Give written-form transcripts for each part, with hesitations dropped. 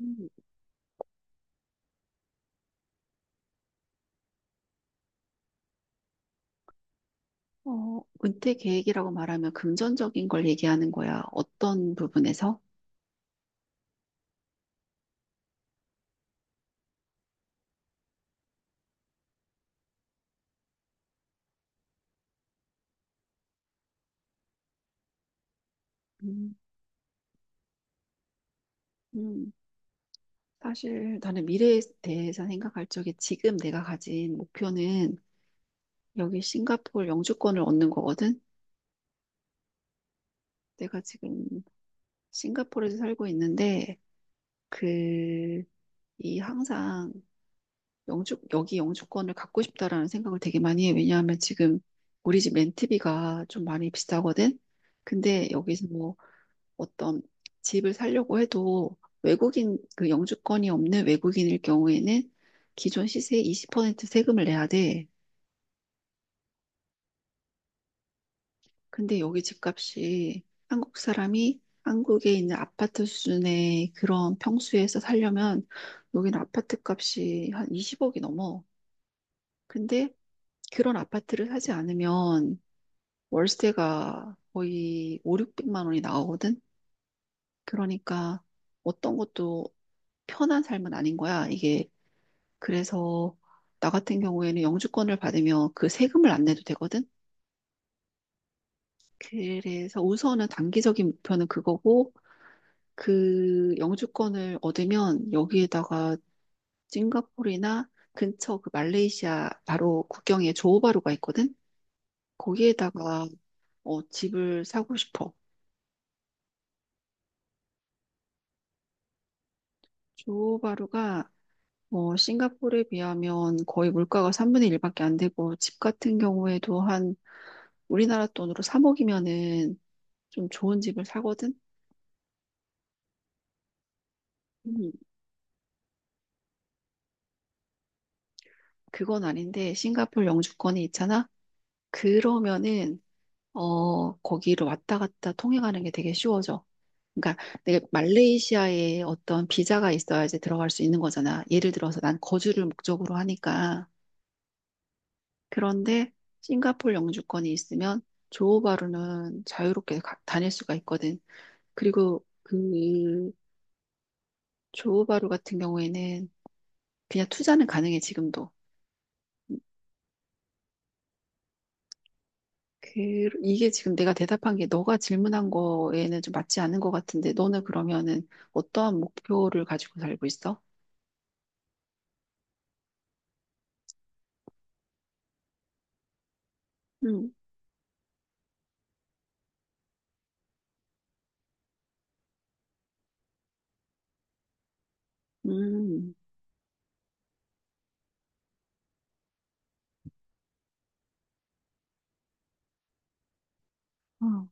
음, 어, 은퇴 계획이라고 말하면 금전적인 걸 얘기하는 거야. 어떤 부분에서? 음, 음, 사실 나는 미래에 대해서 생각할 적에 지금 내가 가진 목표는 여기 싱가포르 영주권을 얻는 거거든. 내가 지금 싱가포르에서 살고 있는데 그 이 항상 영주 여기 영주권을 갖고 싶다라는 생각을 되게 많이 해. 왜냐하면 지금 우리 집 렌트비가 좀 많이 비싸거든. 근데 여기서 뭐 어떤 집을 살려고 해도 외국인, 그 영주권이 없는 외국인일 경우에는 기존 시세의 20% 세금을 내야 돼. 근데 여기 집값이 한국 사람이 한국에 있는 아파트 수준의 그런 평수에서 살려면 여기는 아파트 값이 한 20억이 넘어. 근데 그런 아파트를 사지 않으면 월세가 거의 5, 600만 원이 나오거든? 그러니까 어떤 것도 편한 삶은 아닌 거야. 이게 그래서 나 같은 경우에는 영주권을 받으면 그 세금을 안 내도 되거든. 그래서 우선은 단기적인 목표는 그거고 그 영주권을 얻으면 여기에다가 싱가포르나 근처 그 말레이시아 바로 국경에 조호바루가 있거든. 거기에다가 어, 집을 사고 싶어. 조호바루가 뭐 싱가포르에 비하면 거의 물가가 3분의 1밖에 안 되고 집 같은 경우에도 한 우리나라 돈으로 3억이면은 좀 좋은 집을 사거든? 음, 그건 아닌데, 싱가포르 영주권이 있잖아? 그러면은, 어, 거기를 왔다 갔다 통행하는 게 되게 쉬워져. 그러니까 내가 말레이시아에 어떤 비자가 있어야지 들어갈 수 있는 거잖아. 예를 들어서 난 거주를 목적으로 하니까. 그런데 싱가포르 영주권이 있으면 조호바루는 자유롭게 다닐 수가 있거든. 그리고 그 조호바루 같은 경우에는 그냥 투자는 가능해, 지금도. 그, 이게 지금 내가 대답한 게 너가 질문한 거에는 좀 맞지 않은 것 같은데, 너는 그러면은 어떠한 목표를 가지고 살고 있어? 음, 음, 어,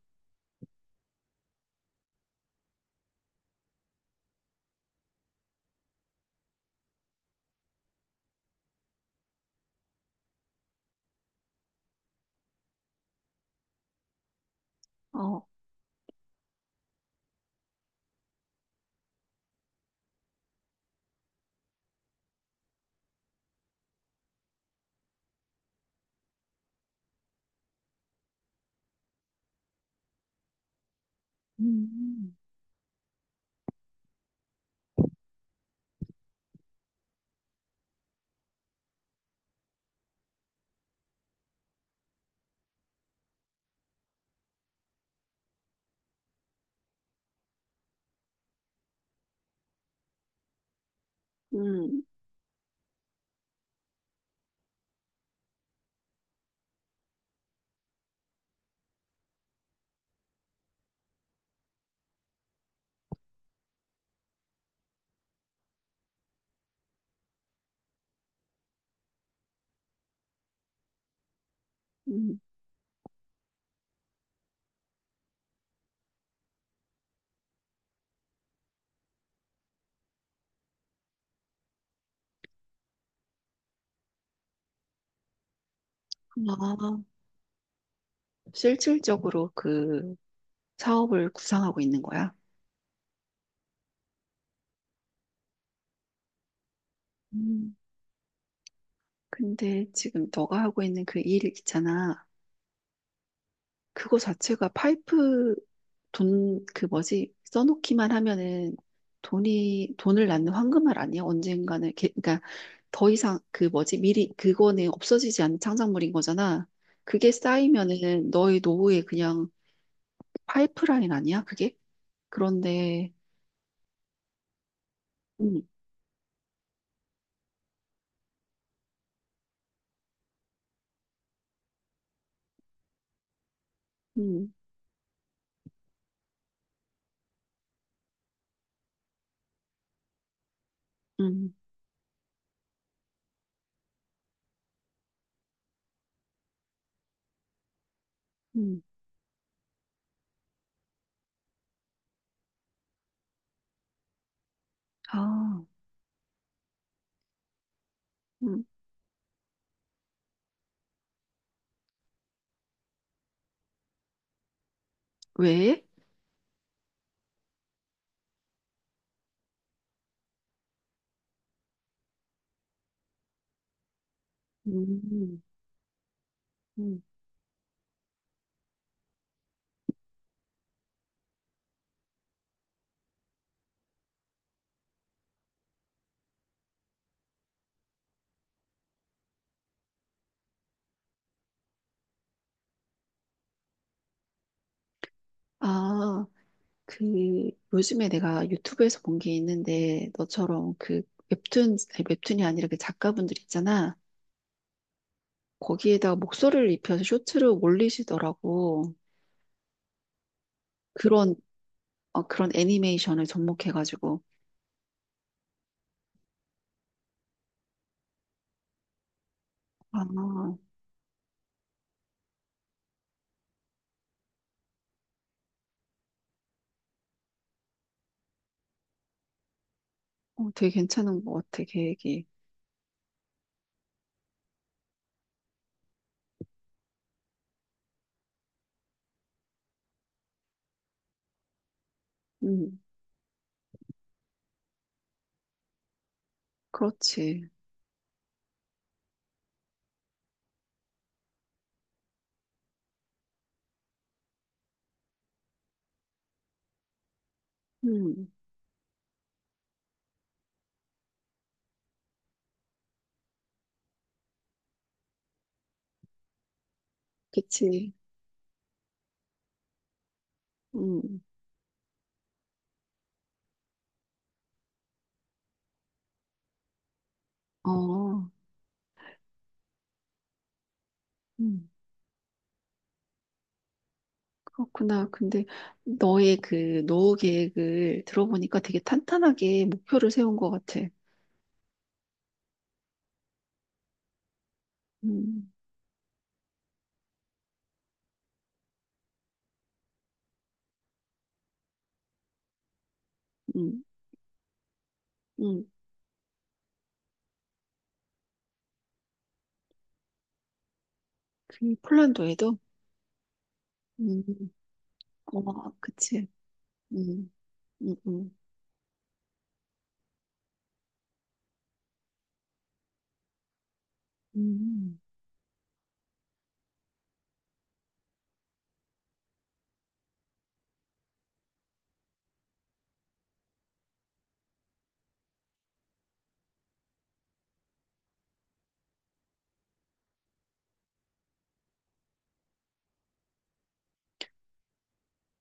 어, 음, 음, 음. 아, 실질적으로 그 사업을 구상하고 있는 거야? 음, 근데 지금 너가 하고 있는 그 일 있잖아. 그거 자체가 파이프 돈, 그 뭐지, 써놓기만 하면은 돈을 낳는 황금알 아니야? 언젠가는. 그러니까 더 이상 그 뭐지, 미리, 그거는 없어지지 않는 창작물인 거잖아. 그게 쌓이면은 너의 노후에 그냥 파이프라인 아니야? 그게? 그런데, 음, 음, 음, 음, 아, 음, 왜? 음, 음, 아. 그 요즘에 내가 유튜브에서 본 게 있는데 너처럼 그 웹툰 아니, 웹툰이 아니라 그 작가분들 있잖아 거기에다가 목소리를 입혀서 쇼츠로 올리시더라고. 그런 어, 그런 애니메이션을 접목해가지고 아, 어, 되게 괜찮은 것 같아 계획이. 음. 그렇지. 음. 그치. 음어. 음, 그렇구나. 근데 너의 그 노후 계획을 들어보니까 되게 탄탄하게 목표를 세운 것 같아. 음. 음. 음, 그 폴란드에도? 음, 어, 그치. 음, 음, 음. 음.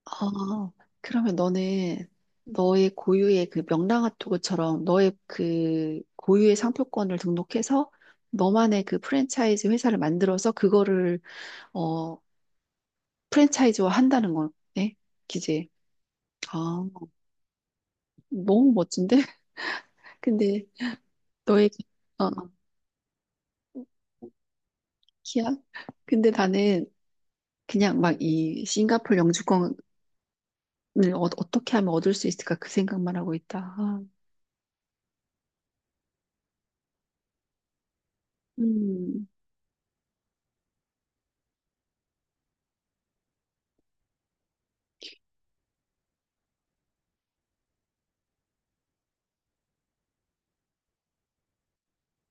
아, 그러면 너는 너의 고유의 그 명랑핫도그처럼 너의 그 고유의 상표권을 등록해서 너만의 그 프랜차이즈 회사를 만들어서 그거를 어 프랜차이즈화 한다는 거네, 기지? 아, 너무 멋진데? 근데 너의 어, 키야. 근데 나는 그냥 막 이 싱가폴 영주권 네, 어, 어떻게 하면 얻을 수 있을까 그 생각만 하고 있다. 아, 음,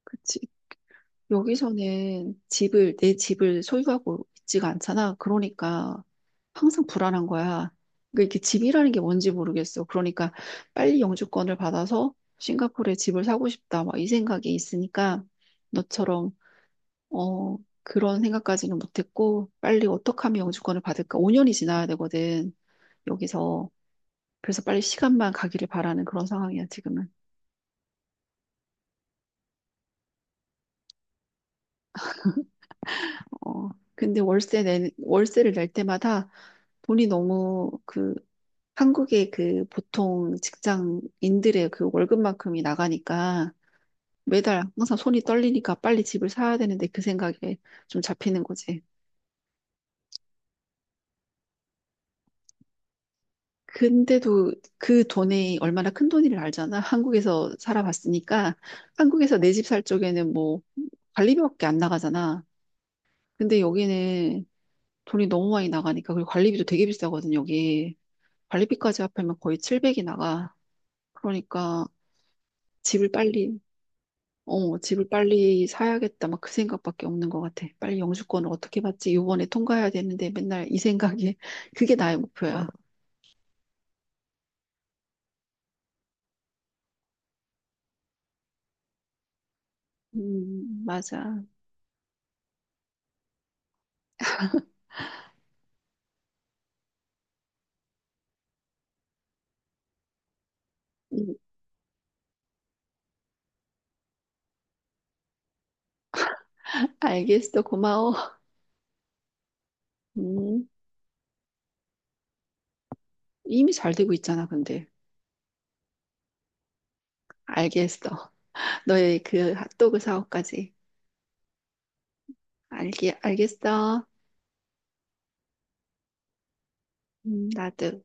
그치. 여기서는 내 집을 소유하고 있지가 않잖아. 그러니까 항상 불안한 거야. 그러니까 이게 집이라는 게 뭔지 모르겠어. 그러니까 빨리 영주권을 받아서 싱가포르에 집을 사고 싶다. 막 이 생각이 있으니까 너처럼, 어, 그런 생각까지는 못했고, 빨리 어떻게 하면 영주권을 받을까? 5년이 지나야 되거든. 여기서. 그래서 빨리 시간만 가기를 바라는 그런 상황이야, 지금은. 어, 근데 월세를 낼 때마다 돈이 너무 그 한국의 그 보통 직장인들의 그 월급만큼이 나가니까 매달 항상 손이 떨리니까 빨리 집을 사야 되는데 그 생각에 좀 잡히는 거지. 근데도 그 돈이 얼마나 큰 돈인지를 알잖아. 한국에서 살아봤으니까 한국에서 내 집 살 쪽에는 뭐 관리비밖에 안 나가잖아. 근데 여기는 돈이 너무 많이 나가니까 그리고 관리비도 되게 비싸거든, 여기. 관리비까지 합하면 거의 700이 나가. 그러니까 집을 빨리, 어, 집을 빨리 사야겠다. 막 그 생각밖에 없는 것 같아. 빨리 영주권을 어떻게 받지? 요번에 통과해야 되는데 맨날 이 생각이, 그게 나의 목표야. 맞아. 음, 알겠어. 고마워. 음, 이미 잘 되고 있잖아, 근데. 알겠어. 너의 그 핫도그 사업까지. 알겠어. 나도.